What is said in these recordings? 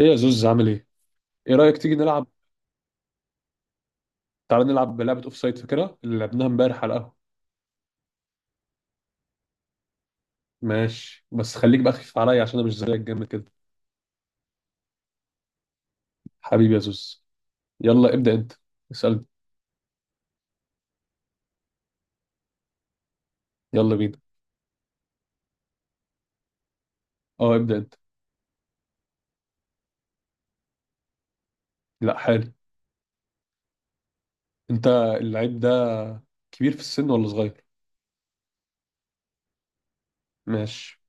ايه يا زوز عامل ايه؟ ايه رأيك تيجي نلعب. تعالى نلعب لعبة اوف سايد، فاكرها اللي لعبناها امبارح على القهوة. ماشي، بس خليك بقى خفيف عليا عشان انا مش زيك جامد كده. حبيبي يا زوز. يلا ابدأ انت، اسألني. يلا بينا. اه ابدأ انت. لا، حالي. انت، اللعيب ده كبير في السن ولا صغير؟ ماشي.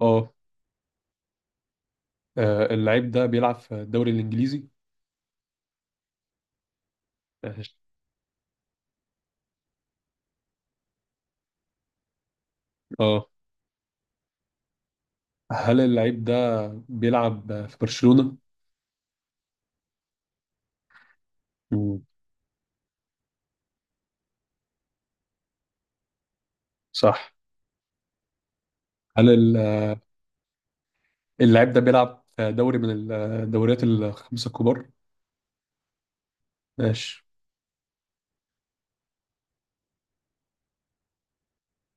اه. اللعيب ده بيلعب في الدوري الانجليزي؟ ماشي. اه. هل اللعيب ده بيلعب في برشلونة؟ مم. صح. هل ال- اللعيب ده بيلعب في دوري من الدوريات الخمسة الكبار؟ ماشي.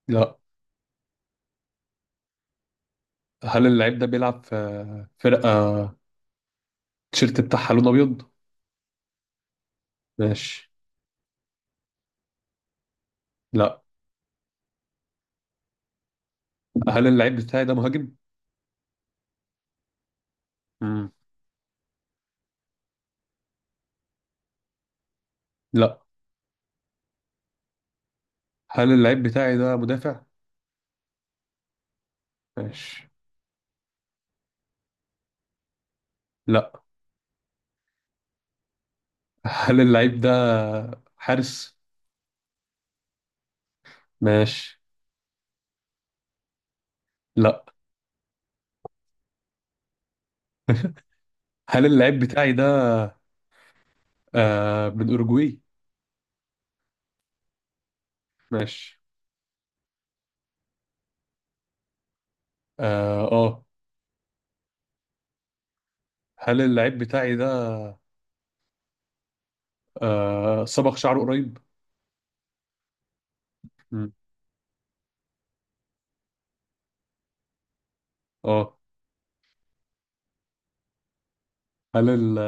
لا. هل اللعيب ده بيلعب في فرقة التيشيرت بتاعها لون أبيض؟ ماشي. لا. هل اللعيب بتاعي ده مهاجم؟ مم. لا. هل اللعيب بتاعي ده مدافع؟ ماشي. لا. هل اللعيب ده حارس؟ ماشي. لا. هل اللعيب بتاعي ده من أوروجواي؟ ماشي. آه. هل اللعيب بتاعي ده صبغ شعره قريب؟ مم. آه. هل ال-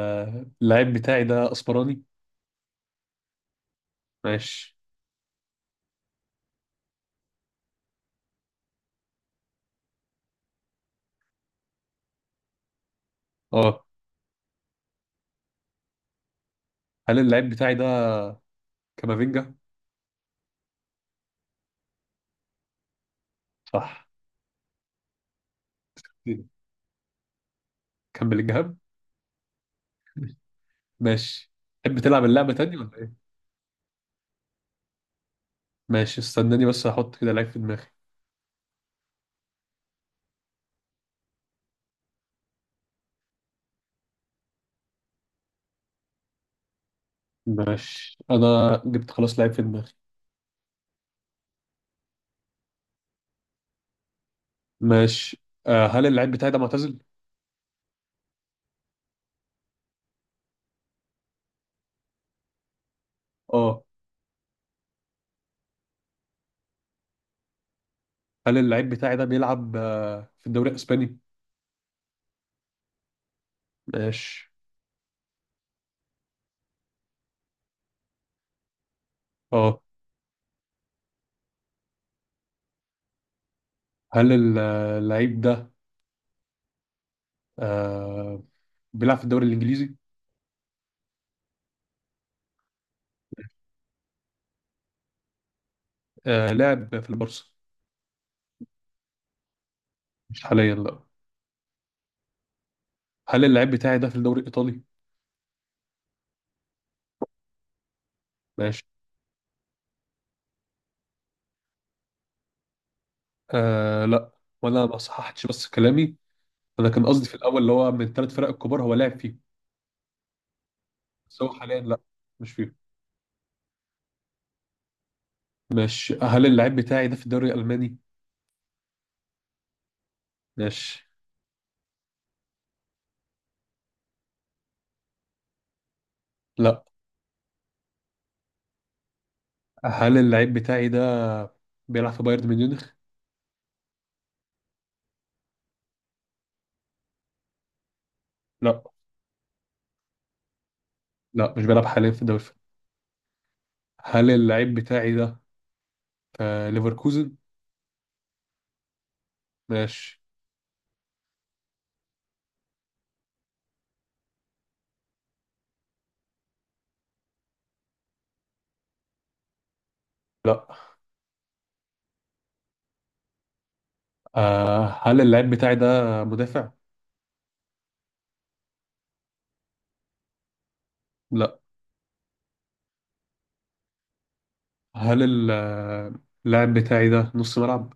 اللعيب بتاعي ده أسمراني؟ ماشي. آه. هل اللعيب بتاعي ده كامافينجا؟ صح. كان بلينجهام؟ ماشي. تحب تلعب اللعبة تاني ولا ايه؟ ماشي، استناني بس احط كده لعيب في دماغي. ماشي، انا جبت خلاص لعيب في دماغي. ماشي. آه هل اللعيب بتاعي ده معتزل؟ اه. هل اللعيب بتاعي ده بيلعب في الدوري الاسباني؟ ماشي. اه. هل ال- آه، اللعيب ده آه بيلعب في الدوري الانجليزي؟ آه لعب في البورصة. مش حاليا لا. هل اللعيب بتاعي ده في الدوري الايطالي؟ ماشي. آه لا. وانا ما صححتش بس كلامي، انا كان قصدي في الاول اللي هو من الثلاث فرق الكبار هو لاعب فيهم. بس هو حاليا لا، مش فيهم. ماشي، هل اللعيب بتاعي ده في الدوري الالماني. ماشي. لا، هل اللعيب بتاعي ده بيلعب في بايرن ميونخ. لا، لا مش بيلعب حاليا في الدوري الفرنسي. هل اللعيب بتاعي ده في ليفركوزن. ماشي. لا. آه هل اللعيب بتاعي ده مدافع؟ لا. هل ال- اللاعب بتاعي ده نص ملعب.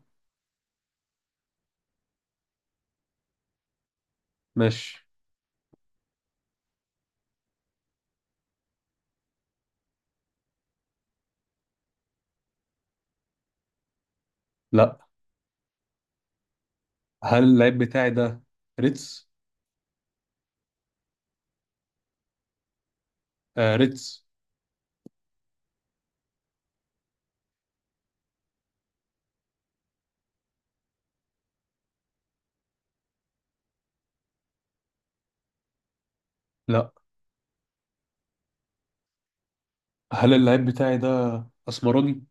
ماشي. لا. هل اللعيب بتاعي ده ريتس؟ آه ريدز. لا. هل اللعيب بتاعي ده اسمراني؟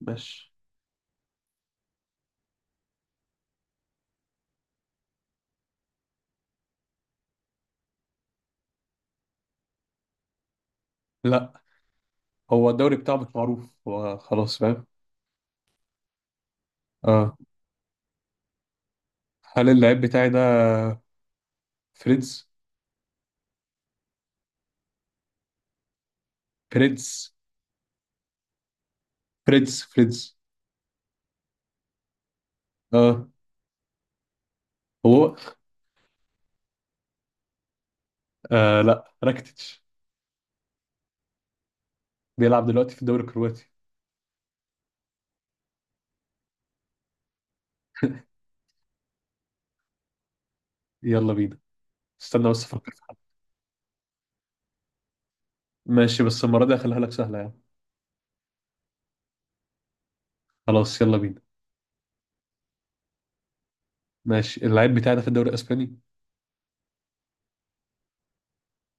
ماشي. لا. هو الدوري بتاعه مش معروف، هو خلاص فاهم. اه. هل اللعيب بتاعي ده فريدز. فريدز فريدز. اه هو. آه لا، راكتيتش، بيلعب دلوقتي في الدوري الكرواتي. يلا بينا. استنى بس افكر. ماشي، بس المره دي هخليها لك سهله يعني. خلاص يلا بينا. ماشي، اللعيب بتاعي ده في الدوري الاسباني.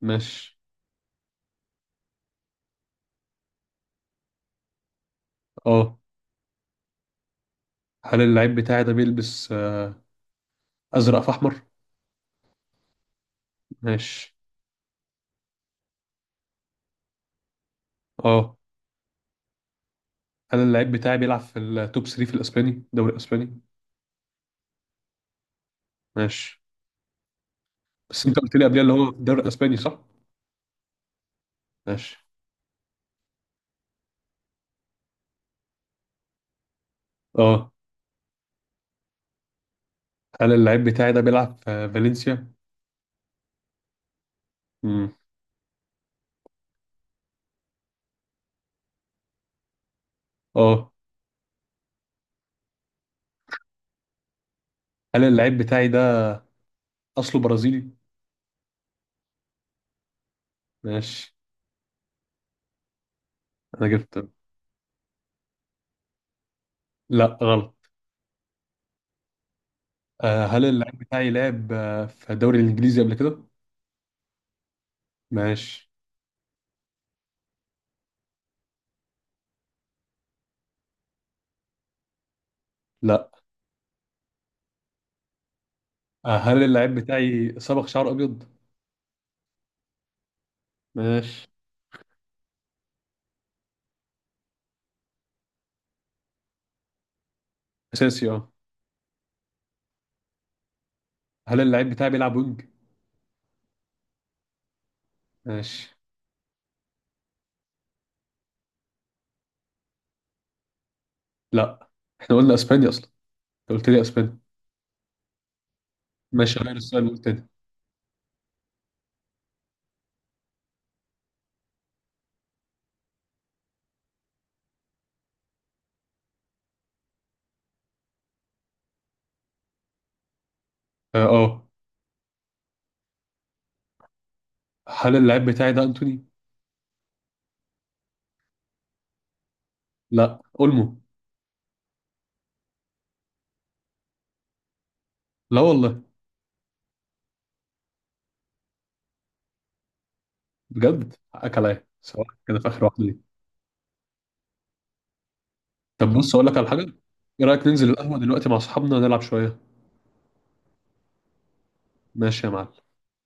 ماشي. اه. هل اللعيب بتاعي ده بيلبس ازرق في احمر؟ ماشي. اه. انا اللعيب بتاعي بيلعب في التوب 3 في الاسباني، الدوري الاسباني. ماشي، بس انت قلت لي قبلها اللي هو في الدوري الاسباني صح؟ ماشي. اه. هل اللعيب بتاعي ده بيلعب في فالنسيا؟ امم اه. هل اللعيب بتاعي ده اصله برازيلي؟ ماشي. انا جبت. لا غلط. آه هل اللعيب بتاعي لعب في الدوري الانجليزي قبل كده؟ ماشي. لا. آه هل اللعيب بتاعي صبغ شعر ابيض؟ ماشي. اساسي؟ اه. هل اللعيب بتاعي بيلعب وينج؟ ماشي. لا، احنا قلنا اسباني اصلا، انت قلت لي اسباني. ماشي، غير السؤال وقول تاني. اه آه. هل اللاعب بتاعي ده انتوني؟ لا اولمو. لا والله. بجد حقك عليا، سواء كده في اخر واحده دي. طب بص اقول لك على حاجه. ايه رايك ننزل القهوه دلوقتي مع اصحابنا نلعب شويه؟ ماشي يا معلم.